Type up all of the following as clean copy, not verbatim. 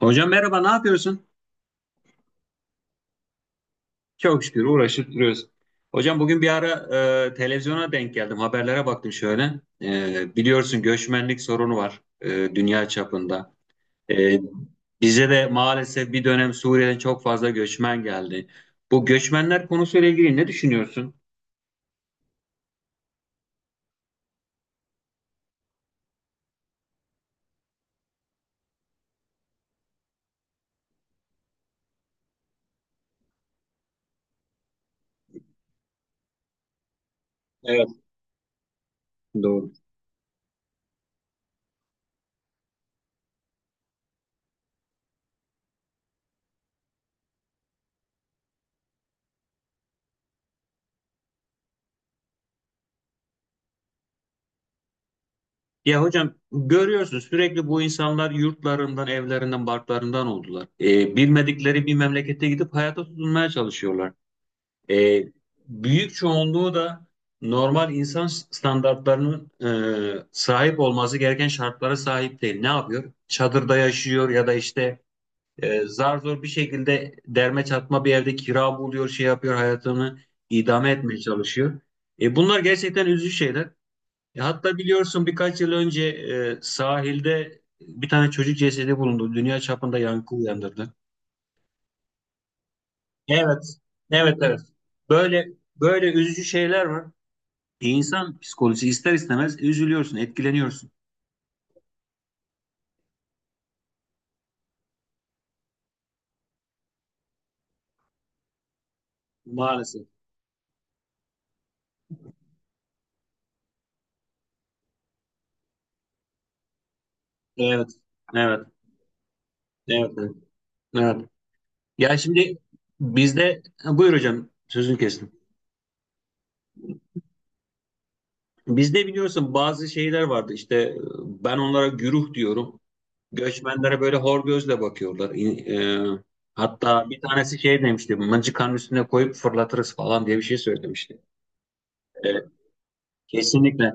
Hocam merhaba, ne yapıyorsun? Çok şükür uğraşıp duruyoruz. Hocam bugün bir ara televizyona denk geldim, haberlere baktım şöyle. Biliyorsun göçmenlik sorunu var dünya çapında. E, Bize de maalesef bir dönem Suriye'den çok fazla göçmen geldi. Bu göçmenler konusuyla ilgili ne düşünüyorsun? Evet, doğru. Ya hocam görüyorsun sürekli bu insanlar yurtlarından, evlerinden, barklarından oldular. Bilmedikleri bir memlekete gidip hayata tutunmaya çalışıyorlar. E, Büyük çoğunluğu da normal insan standartlarının sahip olması gereken şartlara sahip değil. Ne yapıyor? Çadırda yaşıyor ya da işte zar zor bir şekilde derme çatma bir evde kira buluyor, şey yapıyor, hayatını idame etmeye çalışıyor. Bunlar gerçekten üzücü şeyler. Hatta biliyorsun birkaç yıl önce sahilde bir tane çocuk cesedi bulundu. Dünya çapında yankı uyandırdı. Evet, evet, evet. Böyle böyle üzücü şeyler var. İnsan psikolojisi ister istemez üzülüyorsun, etkileniyorsun. Maalesef. Evet. Evet. Evet. Evet. Evet. Ya şimdi bizde. Ha, buyur hocam, sözünü kestim. Bizde biliyorsun bazı şeyler vardı. İşte ben onlara güruh diyorum. Göçmenlere böyle hor gözle bakıyorlar. E, hatta bir tanesi şey demişti. Mıncıkanın üstüne koyup fırlatırız falan diye bir şey söylemişti. E, Kesinlikle.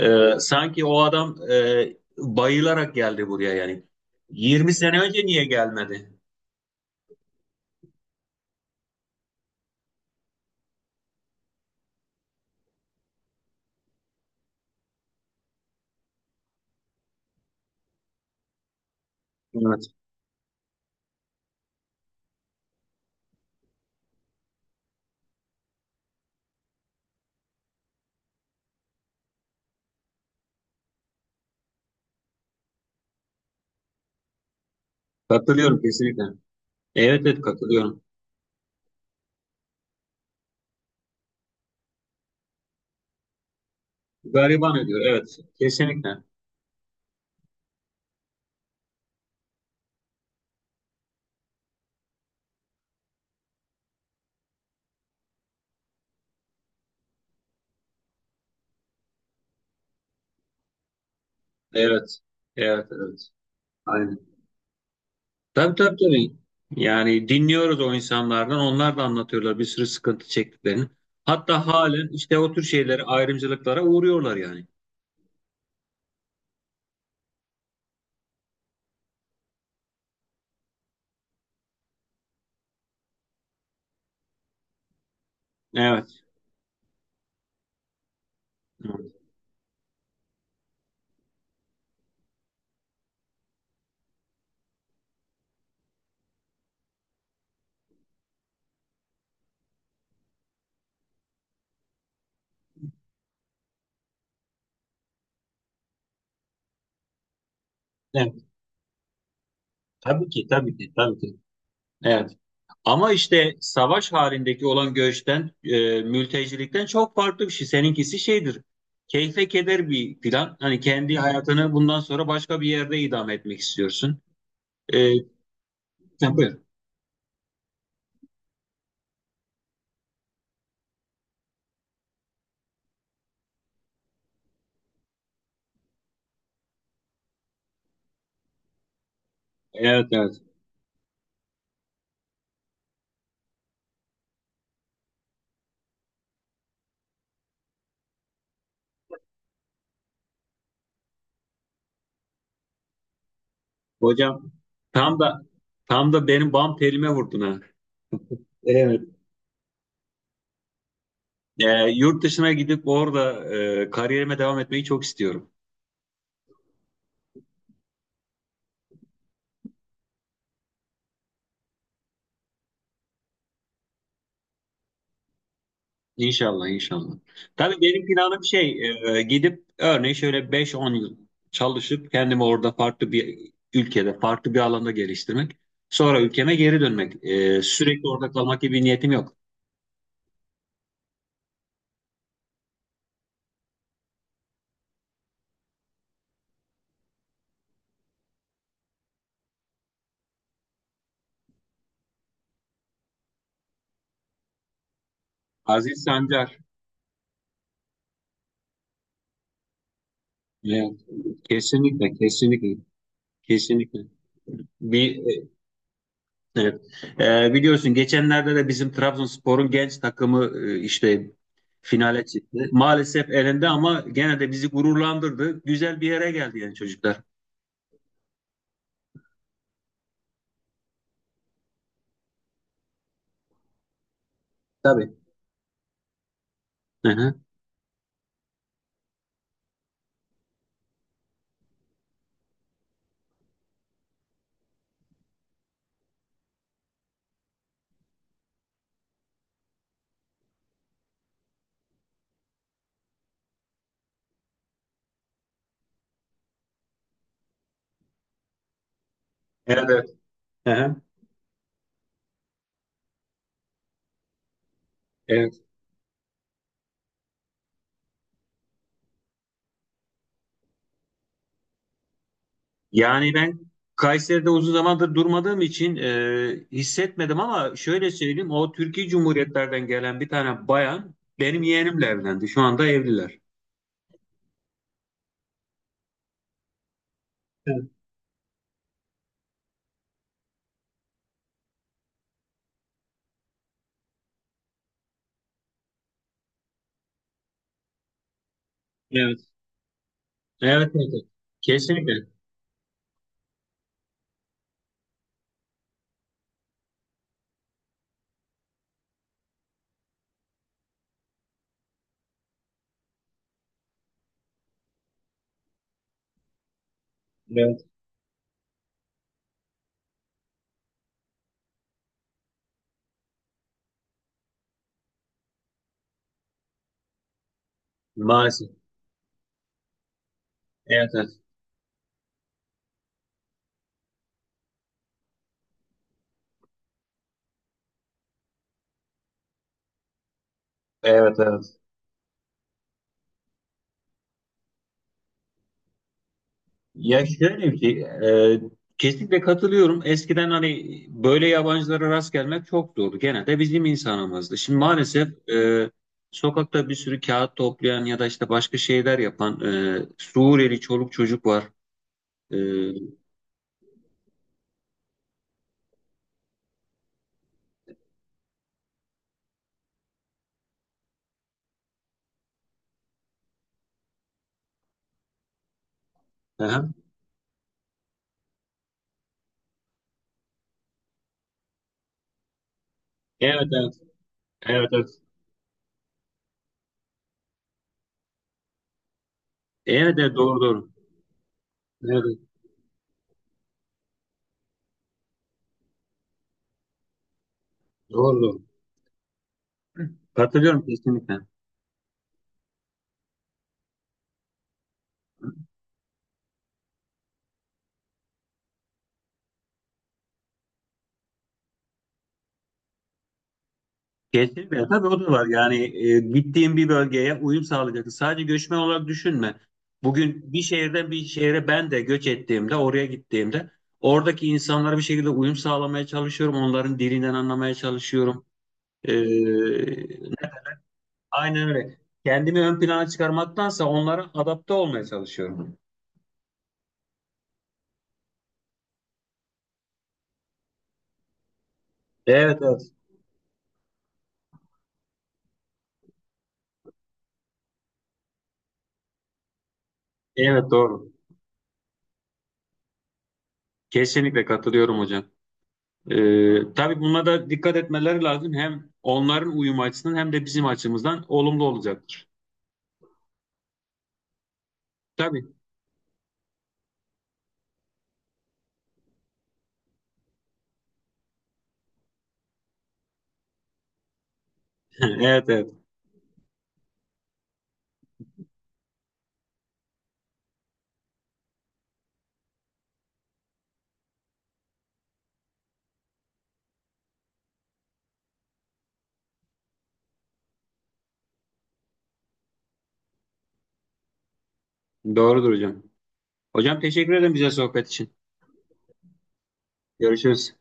Sanki o adam bayılarak geldi buraya yani. 20 sene önce niye gelmedi? Evet. Katılıyorum kesinlikle. Evet evet katılıyorum. Gariban ediyor. Evet. Kesinlikle. Evet. Evet evet. Aynen. Tabii tabii tabii. Yani dinliyoruz o insanlardan. Onlar da anlatıyorlar bir sürü sıkıntı çektiklerini. Hatta halen işte o tür şeylere, ayrımcılıklara uğruyorlar yani. Evet. Evet. Evet. Tabii ki, tabii ki, tabii ki. Evet. Ama işte savaş halindeki olan göçten, mültecilikten çok farklı bir şey. Seninkisi şeydir. Keyfe keder bir plan. Hani kendi hayatını bundan sonra başka bir yerde idame etmek istiyorsun. E, tabii. Evet, evet. Hocam tam da tam da benim bam telime vurdun ha. Evet. Yurt dışına gidip orada kariyerime devam etmeyi çok istiyorum. İnşallah, inşallah. Tabii benim planım şey, gidip örneğin şöyle beş on yıl çalışıp kendimi orada farklı bir ülkede, farklı bir alanda geliştirmek. Sonra ülkeme geri dönmek. Sürekli orada kalmak gibi bir niyetim yok. Aziz Sancar, e, kesinlikle, kesinlikle, kesinlikle. Bir e, Evet. Biliyorsun geçenlerde de bizim Trabzonspor'un genç takımı işte finale çıktı. Maalesef elinde ama gene de bizi gururlandırdı. Güzel bir yere geldi yani çocuklar. Tabii. Hı hı. Evet. Evet. Hı hı. Evet. Yani ben Kayseri'de uzun zamandır durmadığım için hissetmedim ama şöyle söyleyeyim, o Türkiye Cumhuriyetlerden gelen bir tane bayan benim yeğenimle evlendi. Şu anda evliler. Evet. Evet. Evet. Evet. Kesinlikle. Evet. Maalesef. Evet. Evet. Evet. Evet. Ya şöyle bir şey, e, kesinlikle katılıyorum. Eskiden hani böyle yabancılara rast gelmek çok zordu. Genelde bizim insanımızdı. Şimdi maalesef sokakta bir sürü kağıt toplayan ya da işte başka şeyler yapan Suriyeli çoluk çocuk var. E, aha. Evet, evet, evet, evet. Evet, evet, doğru, doğru. Evet, doğru, doğru. Katılıyorum kesinlikle. Kesinlikle tabii o da var. Yani gittiğin bir bölgeye uyum sağlayacaksın. Sadece göçmen olarak düşünme. Bugün bir şehirden bir şehre ben de göç ettiğimde, oraya gittiğimde oradaki insanlara bir şekilde uyum sağlamaya çalışıyorum. Onların dilinden anlamaya çalışıyorum. E, aynen öyle. Kendimi ön plana çıkarmaktansa onlara adapte olmaya çalışıyorum. Evet, evet. Evet, doğru. Kesinlikle katılıyorum hocam. Tabii buna da dikkat etmeleri lazım. Hem onların uyum açısından hem de bizim açımızdan olumlu olacaktır. Tabii. Evet evet. Doğrudur hocam. Hocam teşekkür ederim bize sohbet için. Görüşürüz.